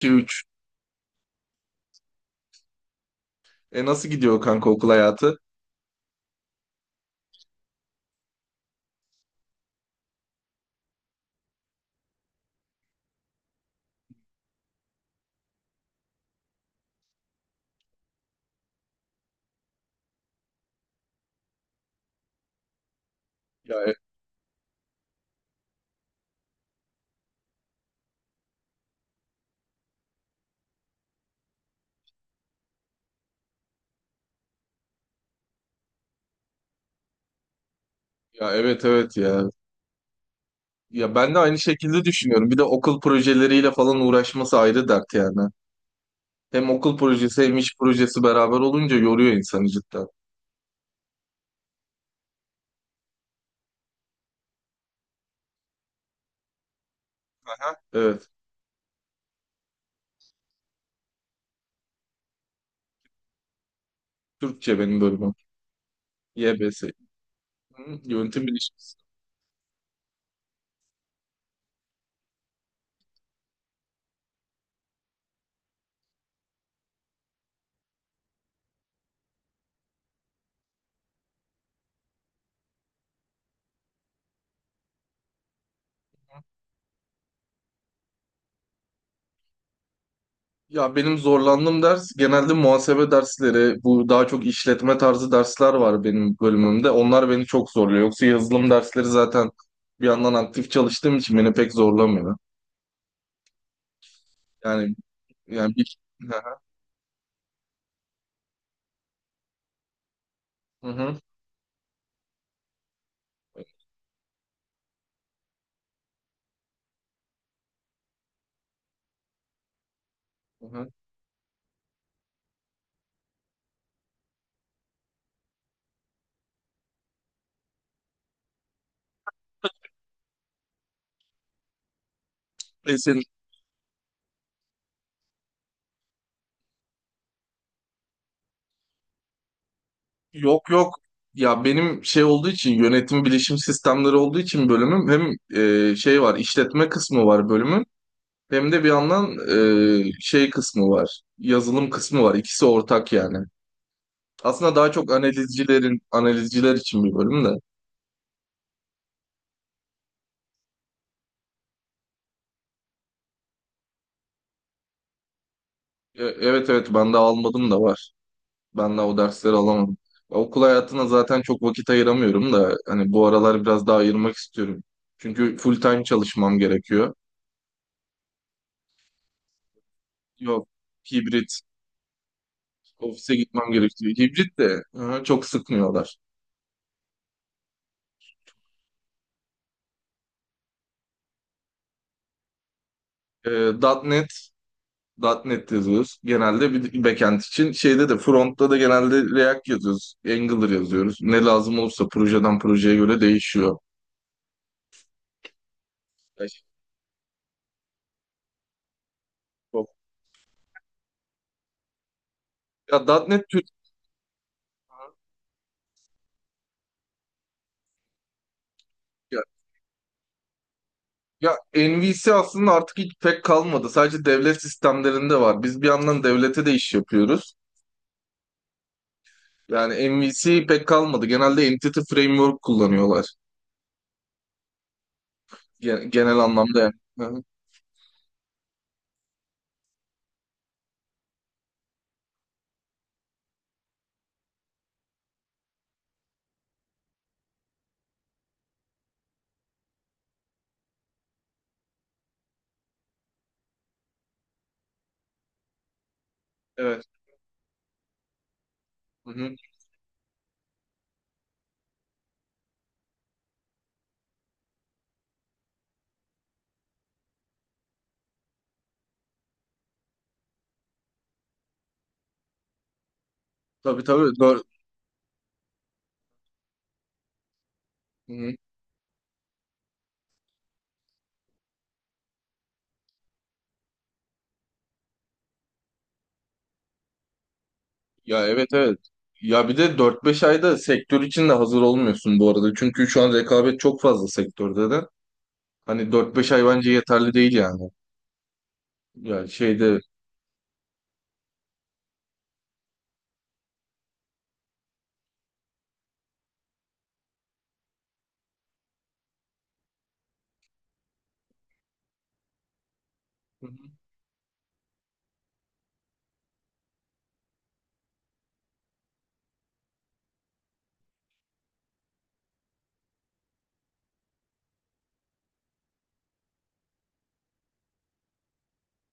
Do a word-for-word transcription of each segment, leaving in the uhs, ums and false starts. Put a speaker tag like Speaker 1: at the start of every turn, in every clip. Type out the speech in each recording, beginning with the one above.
Speaker 1: İki üç. E nasıl gidiyor kanka okul hayatı? Ya, e- ya evet, evet, ya. Ya ben de aynı şekilde düşünüyorum. Bir de okul projeleriyle falan uğraşması ayrı dert yani. Hem okul projesi hem iş projesi beraber olunca yoruyor insanı cidden. Aha. Evet. Türkçe benim bölümüm. Y B S. Hı, Yönetim bilişimsi. Ya benim zorlandığım ders genelde muhasebe dersleri. Bu daha çok işletme tarzı dersler var benim bölümümde. Onlar beni çok zorluyor. Yoksa yazılım dersleri zaten bir yandan aktif çalıştığım için beni pek zorlamıyor. Yani Yani bir... Hı hı. Hı hı. E senin- Yok, yok. Ya benim şey olduğu için yönetim bilişim sistemleri olduğu için bölümüm hem e, şey var işletme kısmı var bölümün hem de bir yandan e, şey kısmı var yazılım kısmı var ikisi ortak yani. Aslında daha çok analizcilerin analizciler için bir bölüm de. E, evet, evet, ben de almadım da var. Ben de o dersleri alamadım. Okul hayatına zaten çok vakit ayıramıyorum da hani bu aralar biraz daha ayırmak istiyorum. Çünkü full time çalışmam gerekiyor. Yok, hibrit. Ofise gitmem gerekiyor. Hibrit de hı, çok sıkmıyorlar. Ee, .nokta .NET, .nokta .NET yazıyoruz. Genelde bir backend için. Şeyde de frontta da genelde React yazıyoruz. Angular yazıyoruz. Ne lazım olursa projeden projeye göre değişiyor. Ya, çok- ya .nokta .NET Türk... Ya N V C aslında artık hiç pek kalmadı. Sadece devlet sistemlerinde var. Biz bir yandan devlete de iş yapıyoruz. Yani N V C pek kalmadı. Genelde Entity Framework kullanıyorlar. Gen- Genel anlamda yani. Hı hı. Evet. Hı hı. Tabii, tabii. Dör- Hı hı. Ya, evet, evet. Ya bir de dört beş ayda sektör için de hazır olmuyorsun bu arada. Çünkü şu an rekabet çok fazla sektörde de. Hani dört beş ay bence yeterli değil yani. Yani şeyde...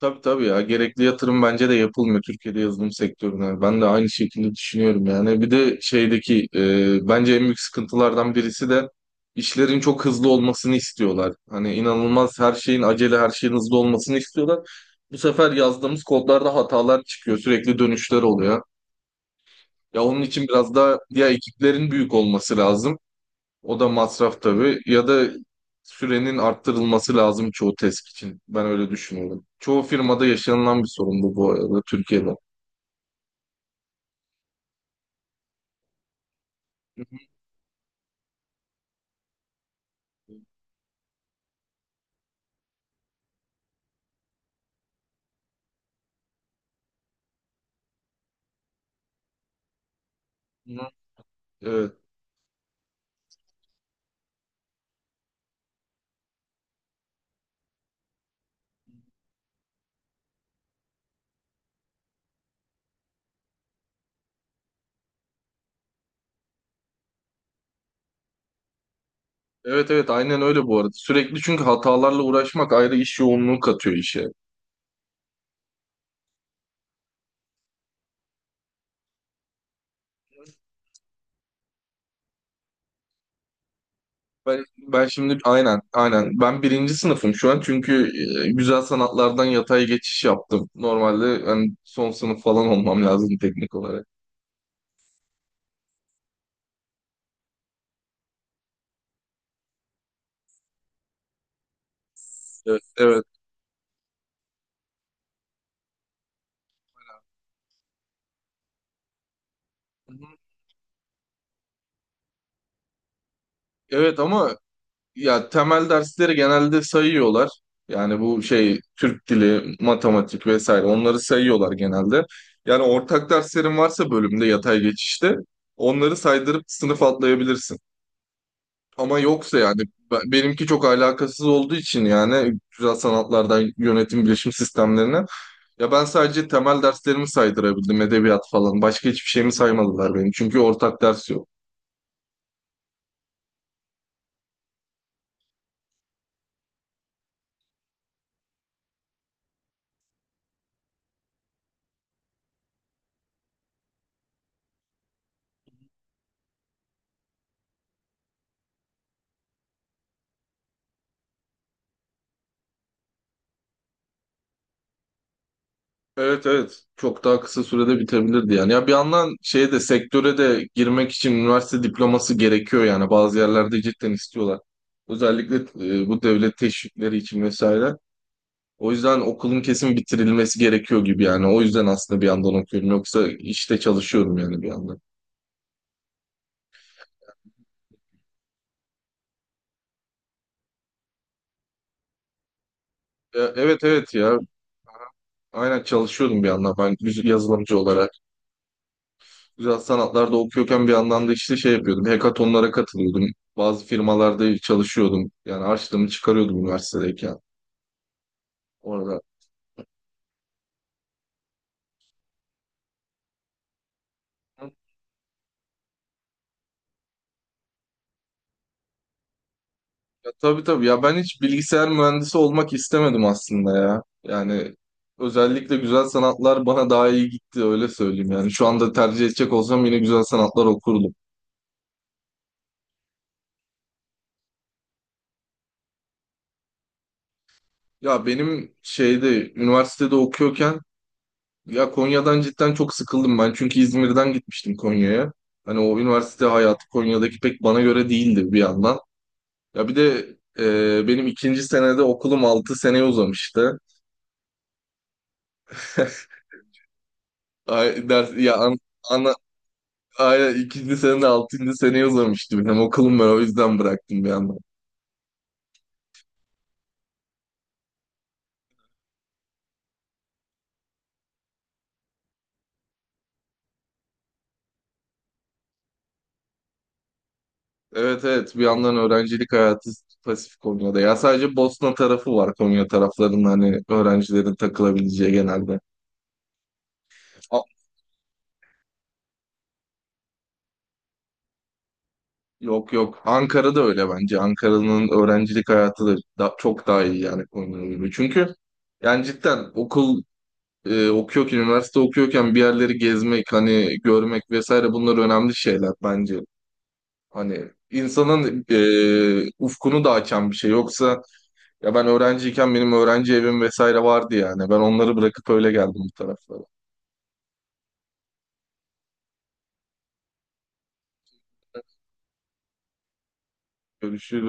Speaker 1: Tabii, tabii, ya gerekli yatırım bence de yapılmıyor Türkiye'de yazılım sektörüne. Ben de aynı şekilde düşünüyorum yani. Bir de şeydeki e, bence en büyük sıkıntılardan birisi de işlerin çok hızlı olmasını istiyorlar. Hani inanılmaz her şeyin acele her şeyin hızlı olmasını istiyorlar. Bu sefer yazdığımız kodlarda hatalar çıkıyor sürekli dönüşler oluyor. Ya onun için biraz daha ya ekiplerin büyük olması lazım. O da masraf tabii. Ya da sürenin arttırılması lazım çoğu test için. Ben öyle düşünüyorum. Çoğu firmada yaşanılan bir sorun bu, bu arada Türkiye'de. Hı. Evet. Evet, evet, aynen öyle bu arada. Sürekli çünkü hatalarla uğraşmak ayrı iş yoğunluğu katıyor işe. Ben, ben şimdi aynen, aynen ben birinci sınıfım şu an çünkü e, güzel sanatlardan yatay geçiş yaptım. Normalde hani son sınıf falan olmam lazım teknik olarak. Evet. Evet. Hı hı. Evet, ama... Ya temel dersleri genelde sayıyorlar. Yani bu şey Türk dili, matematik vesaire onları sayıyorlar genelde. Yani ortak derslerin varsa bölümde yatay geçişte onları saydırıp sınıf atlayabilirsin. Ama yoksa yani be- benimki çok alakasız olduğu için yani güzel sanatlardan yönetim bilişim sistemlerine ya ben sadece temel derslerimi saydırabildim edebiyat falan başka hiçbir şeyimi saymadılar benim çünkü ortak ders yok. Evet, evet, çok daha kısa sürede bitebilirdi yani. Ya bir yandan şeye de sektöre de girmek için üniversite diploması gerekiyor yani bazı yerlerde cidden istiyorlar. Özellikle e, bu devlet teşvikleri için vesaire. O yüzden okulun kesin bitirilmesi gerekiyor gibi yani. O yüzden aslında bir yandan okuyorum yoksa işte çalışıyorum yani bir yandan. E, evet, evet, ya aynen çalışıyordum bir yandan ben yüz- yazılımcı olarak. Güzel sanatlarda okuyorken bir yandan da işte şey yapıyordum. Hekatonlara katılıyordum. Bazı firmalarda çalışıyordum. Yani harçlığımı çıkarıyordum üniversitedeyken orada. Ya, tabii, tabii, ya ben hiç bilgisayar mühendisi olmak istemedim aslında ya. Yani özellikle güzel sanatlar bana daha iyi gitti öyle söyleyeyim. Yani şu anda tercih edecek olsam yine güzel sanatlar okurdum. Ya benim şeyde üniversitede okuyorken... Ya Konya'dan cidden çok sıkıldım ben. Çünkü İzmir'den gitmiştim Konya'ya. Hani o üniversite hayatı Konya'daki pek bana göre değildi bir yandan. Ya bir de e, benim ikinci senede okulum altı seneye uzamıştı. Ay, ders, ya an, ana, ay, ikinci senede altıncı seneye uzamıştı benim okulum ben o yüzden bıraktım bir yandan. Evet, evet, bir yandan öğrencilik hayatı pasif Konya'da. Ya sadece Bosna tarafı var Konya taraflarının hani öğrencilerin takılabileceği genelde. A- Yok, yok. Ankara'da öyle bence. Ankara'nın öğrencilik hayatı da da- çok daha iyi yani Konya'ya gibi. Çünkü yani cidden okul e, okuyorken, üniversite okuyorken bir yerleri gezmek, hani görmek vesaire bunlar önemli şeyler bence. Hani insanın e, ufkunu da açan bir şey. Yoksa ya ben öğrenciyken benim öğrenci evim vesaire vardı yani. Ben onları bırakıp öyle geldim bu taraflara. Görüşürüz.